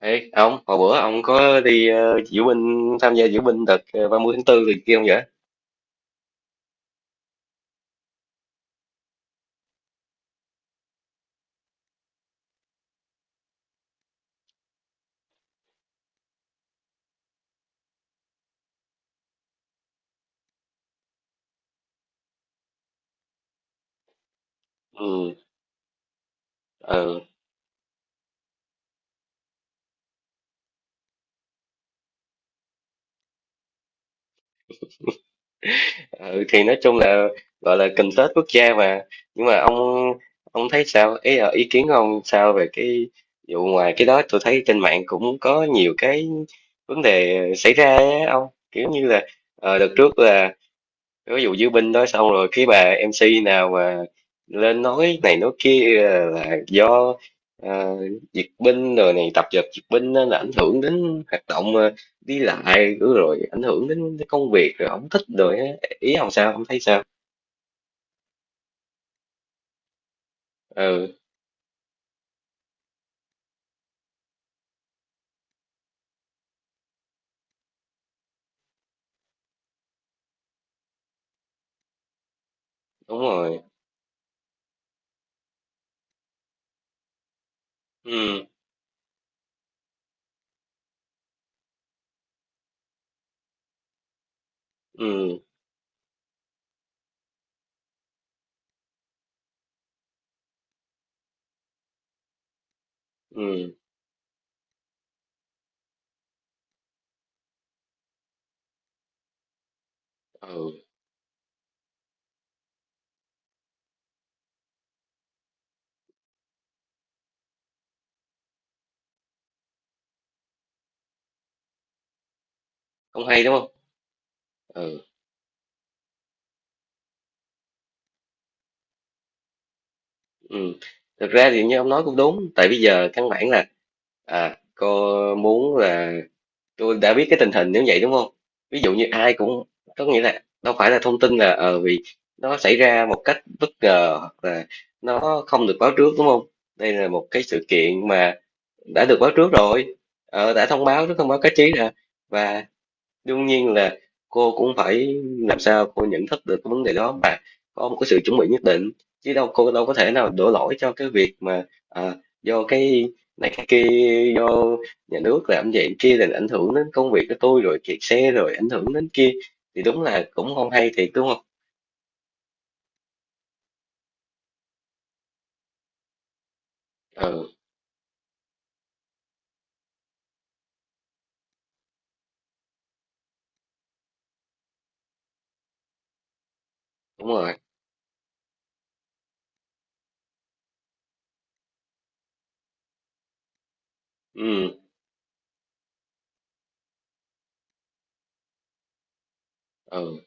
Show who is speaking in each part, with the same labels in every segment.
Speaker 1: Ê, ông, hồi bữa ông có đi diễu binh, tham gia diễu binh đợt 30 tháng 4 thì kia không vậy? Ừ, ừ, ừ, thì nói chung là gọi là cần tết quốc gia mà. Nhưng mà ông thấy sao? Ý kiến của ông sao về cái vụ ngoài cái đó? Tôi thấy trên mạng cũng có nhiều cái vấn đề xảy ra á ông. Kiểu như là đợt trước là ví dụ diễu binh đó xong rồi cái bà MC nào mà lên nói này nói kia là do ờ, duyệt binh rồi này tập dượt duyệt binh nên là ảnh hưởng đến hoạt động đi lại rồi rồi ảnh hưởng đến cái công việc rồi không thích rồi á. Ý ông sao? Ông thấy sao? Ừ, đúng rồi. Ừ, ừ, ừ, ừ, không hay đúng không? Ừ, ừ, thực ra thì như ông nói cũng đúng, tại bây giờ căn bản là, à, cô muốn là, tôi đã biết cái tình hình nếu vậy đúng không? Ví dụ như ai cũng có nghĩa là đâu phải là thông tin là, vì nó xảy ra một cách bất ngờ hoặc là nó không được báo trước đúng không? Đây là một cái sự kiện mà đã được báo trước rồi, đã thông báo trước, thông báo cáo chí ra. Và đương nhiên là cô cũng phải làm sao cô nhận thức được cái vấn đề đó và có một cái sự chuẩn bị nhất định, chứ đâu, cô đâu có thể nào đổ lỗi cho cái việc mà, à, do cái này cái kia, do nhà nước làm vậy kia là ảnh hưởng đến công việc của tôi rồi kẹt xe rồi ảnh hưởng đến kia thì đúng là cũng không hay thiệt đúng không? Ừ, đúng rồi. Ừ, ừ,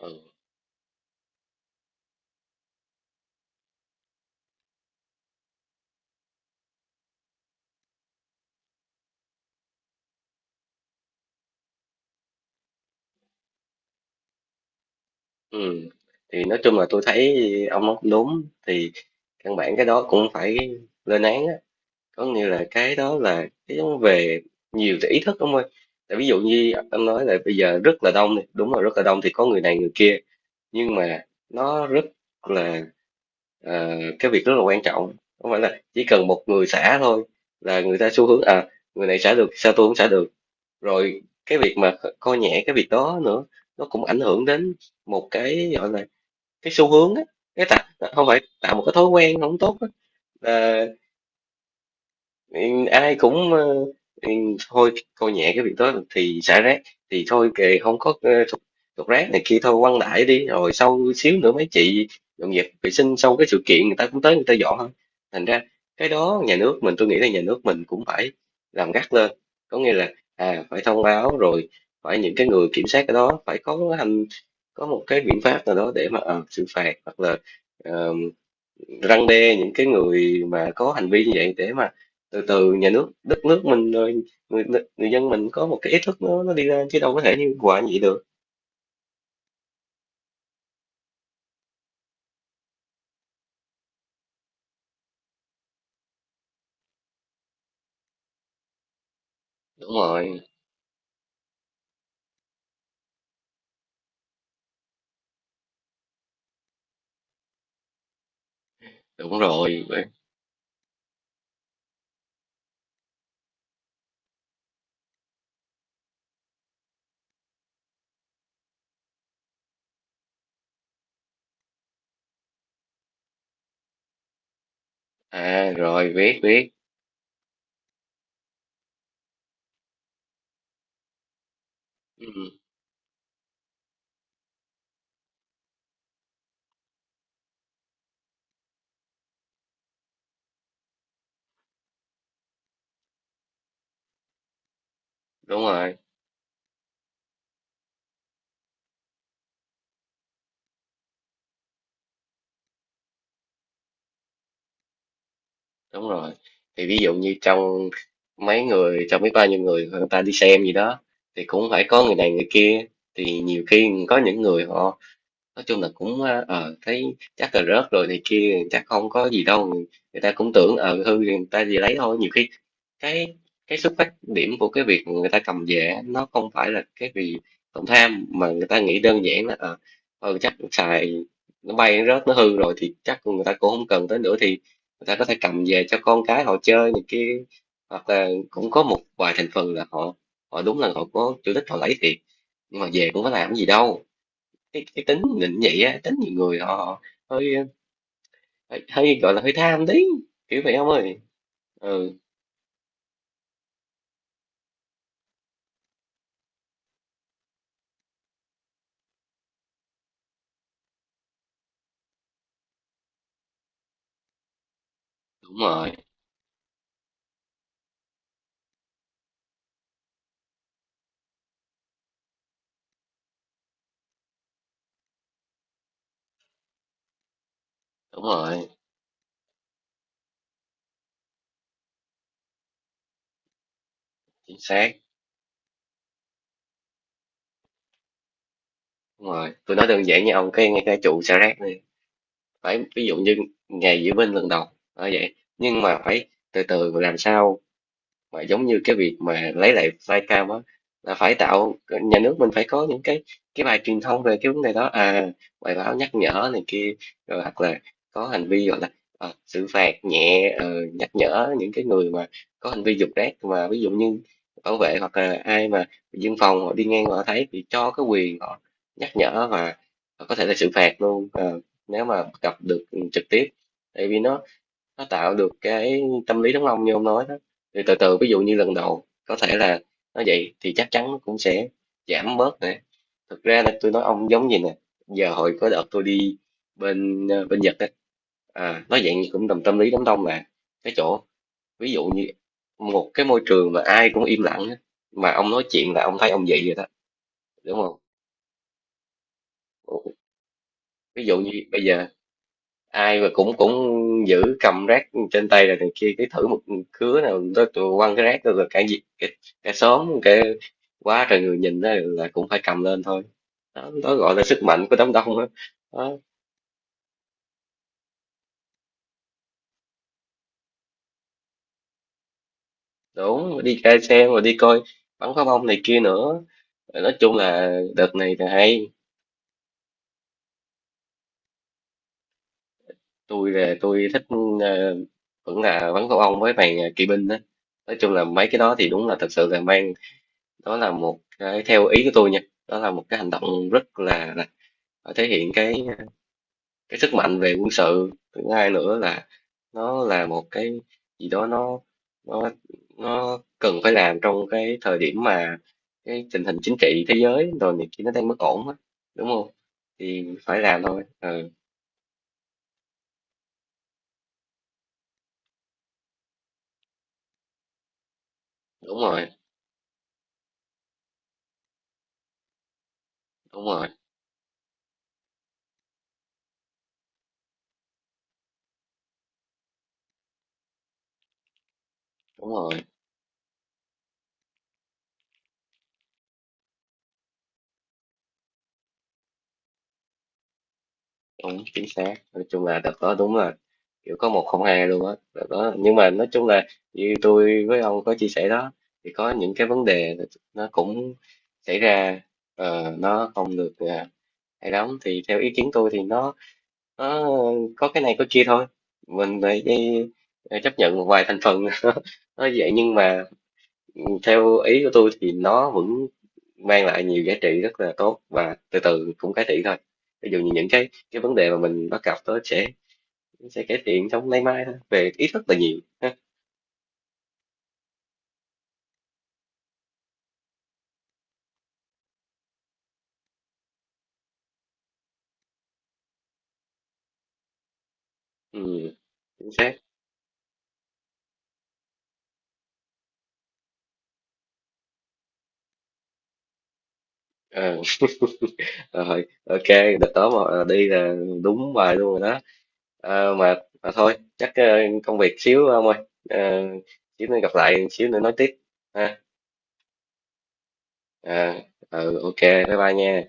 Speaker 1: ừ, ừ, thì nói chung là tôi thấy ông nói cũng đúng thì căn bản cái đó cũng phải lên án á, có nghĩa là cái đó là cái giống về nhiều cái ý thức ông ơi. Tại ví dụ như ông nói là bây giờ rất là đông, đi đúng rồi, rất là đông thì có người này người kia, nhưng mà nó rất là, ờ, cái việc rất là quan trọng. Không phải là chỉ cần một người xả thôi là người ta xu hướng à, người này xả được sao tôi cũng xả được, rồi cái việc mà coi nhẹ cái việc đó nữa nó cũng ảnh hưởng đến một cái gọi là cái xu hướng á, cái tạo, không phải tạo một cái thói quen không tốt á. Là Ừ, ai cũng ừ, thôi coi nhẹ cái việc đó thì xả rác thì thôi kệ, không có thục rác này kia thôi quăng đại đi, rồi sau xíu nữa mấy chị dọn dẹp vệ sinh sau cái sự kiện người ta cũng tới người ta dọn thôi. Thành ra cái đó nhà nước mình, tôi nghĩ là nhà nước mình cũng phải làm gắt lên, có nghĩa là, à, phải thông báo rồi, phải những cái người kiểm soát cái đó phải có hành, có một cái biện pháp nào đó để mà xử phạt hoặc là răn đe những cái người mà có hành vi như vậy, để mà từ từ nhà nước, đất nước mình rồi người, người dân mình có một cái ý thức nó đi lên, chứ đâu có thể như hoài như vậy được. Đúng rồi. Đúng rồi. À rồi, biết biết. Ừ, đúng rồi. Đúng rồi. Thì ví dụ như trong mấy người, trong biết bao nhiêu người, người ta đi xem gì đó thì cũng phải có người này người kia, thì nhiều khi có những người họ nói chung là cũng, thấy chắc là rớt rồi này kia, chắc không có gì đâu, người ta cũng tưởng, hư thì người ta gì lấy thôi. Nhiều khi cái cái xuất phát điểm của cái việc người ta cầm về á, nó không phải là cái vì lòng tham, mà người ta nghĩ đơn giản là, chắc xài, nó bay nó rớt nó hư rồi thì chắc người ta cũng không cần tới nữa, thì người ta có thể cầm về cho con cái họ chơi này kia. Hoặc là cũng có một vài thành phần là họ, họ đúng là họ có chủ đích họ lấy thiệt, nhưng mà về cũng có làm gì đâu, cái tính định vậy á, tính nhiều người họ hơi, hơi gọi là hơi tham tí kiểu vậy ông ơi. Ừ, đúng rồi. Đúng rồi. Chính xác. Đúng rồi, tôi nói đơn giản nha ông, cái ngay cái trụ xả rác này, phải ví dụ như ngày diễu binh lần đầu ở vậy, nhưng mà phải từ từ làm sao mà giống như cái việc mà lấy lại Flycam á, là phải tạo, nhà nước mình phải có những cái bài truyền thông về cái vấn đề đó, à, bài báo nhắc nhở này kia, rồi hoặc là có hành vi gọi là xử phạt nhẹ, nhắc nhở những cái người mà có hành vi dục rác, mà ví dụ như bảo vệ hoặc là ai mà dân phòng họ đi ngang họ thấy thì cho cái quyền họ nhắc nhở và có thể là xử phạt luôn, nếu mà gặp được trực tiếp, tại vì nó tạo được cái tâm lý đám đông như ông nói đó thì từ từ, ví dụ như lần đầu có thể là nó vậy thì chắc chắn nó cũng sẽ giảm bớt nè. Thực ra là tôi nói ông giống gì nè, giờ hồi có đợt tôi đi bên Nhật á, à, nó dạng như cũng tầm tâm lý đám đông, là cái chỗ ví dụ như một cái môi trường mà ai cũng im lặng á, mà ông nói chuyện là ông thấy ông vậy rồi đó, đúng không? Ví dụ như bây giờ ai mà cũng cũng giữ cầm rác trên tay rồi này kia, cái thử một cứa nào tôi quăng cái rác rồi cả gì cả, cả xóm cả quá trời người nhìn đó là cũng phải cầm lên thôi. Đó, đó gọi là sức mạnh của đám đông đó. Đó, đúng, đi ra xe mà đi coi bắn pháo bông này kia nữa. Rồi nói chung là đợt này là hay. Tôi là tôi thích, ờ, vẫn là bắn pháo bông với màn kỵ binh đó. Nói chung là mấy cái đó thì đúng là thật sự là mang, đó là một cái theo ý của tôi nha, đó là một cái hành động rất là thể hiện cái sức mạnh về quân sự. Thứ hai nữa là nó là một cái gì đó, nó nó nó cần phải làm trong cái thời điểm mà cái tình hình chính trị thế giới rồi này kia nó đang bất ổn á, đúng không? Thì phải làm thôi. Ừ, đúng rồi. Đúng rồi. Đúng rồi. Đúng, chính xác, nói chung là đợt đó đúng là kiểu có một không hai luôn á đó. Đó nhưng mà nói chung là như tôi với ông có chia sẻ đó, thì có những cái vấn đề nó cũng xảy ra, nó không được, à, hay lắm, thì theo ý kiến tôi thì nó có cái này có kia thôi, mình phải đi, chấp nhận một vài thành phần nó vậy nhưng mà, ừ, theo ý của tôi thì nó vẫn mang lại nhiều giá trị rất là tốt và từ từ cũng cải thiện thôi. Ví dụ như những cái vấn đề mà mình bắt gặp đó sẽ, nó sẽ cải thiện trong nay mai thôi về ý thức là nhiều ha. Ừ, chính xác. Ờ, rồi ok, đợt đó mà, à, đi là đúng bài luôn rồi đó. Ờ, mà, thôi chắc, công việc xíu ông ơi. Ờ, xíu nữa gặp lại, xíu nữa nói tiếp ha. Ờ, ừ, ok bye bye nha.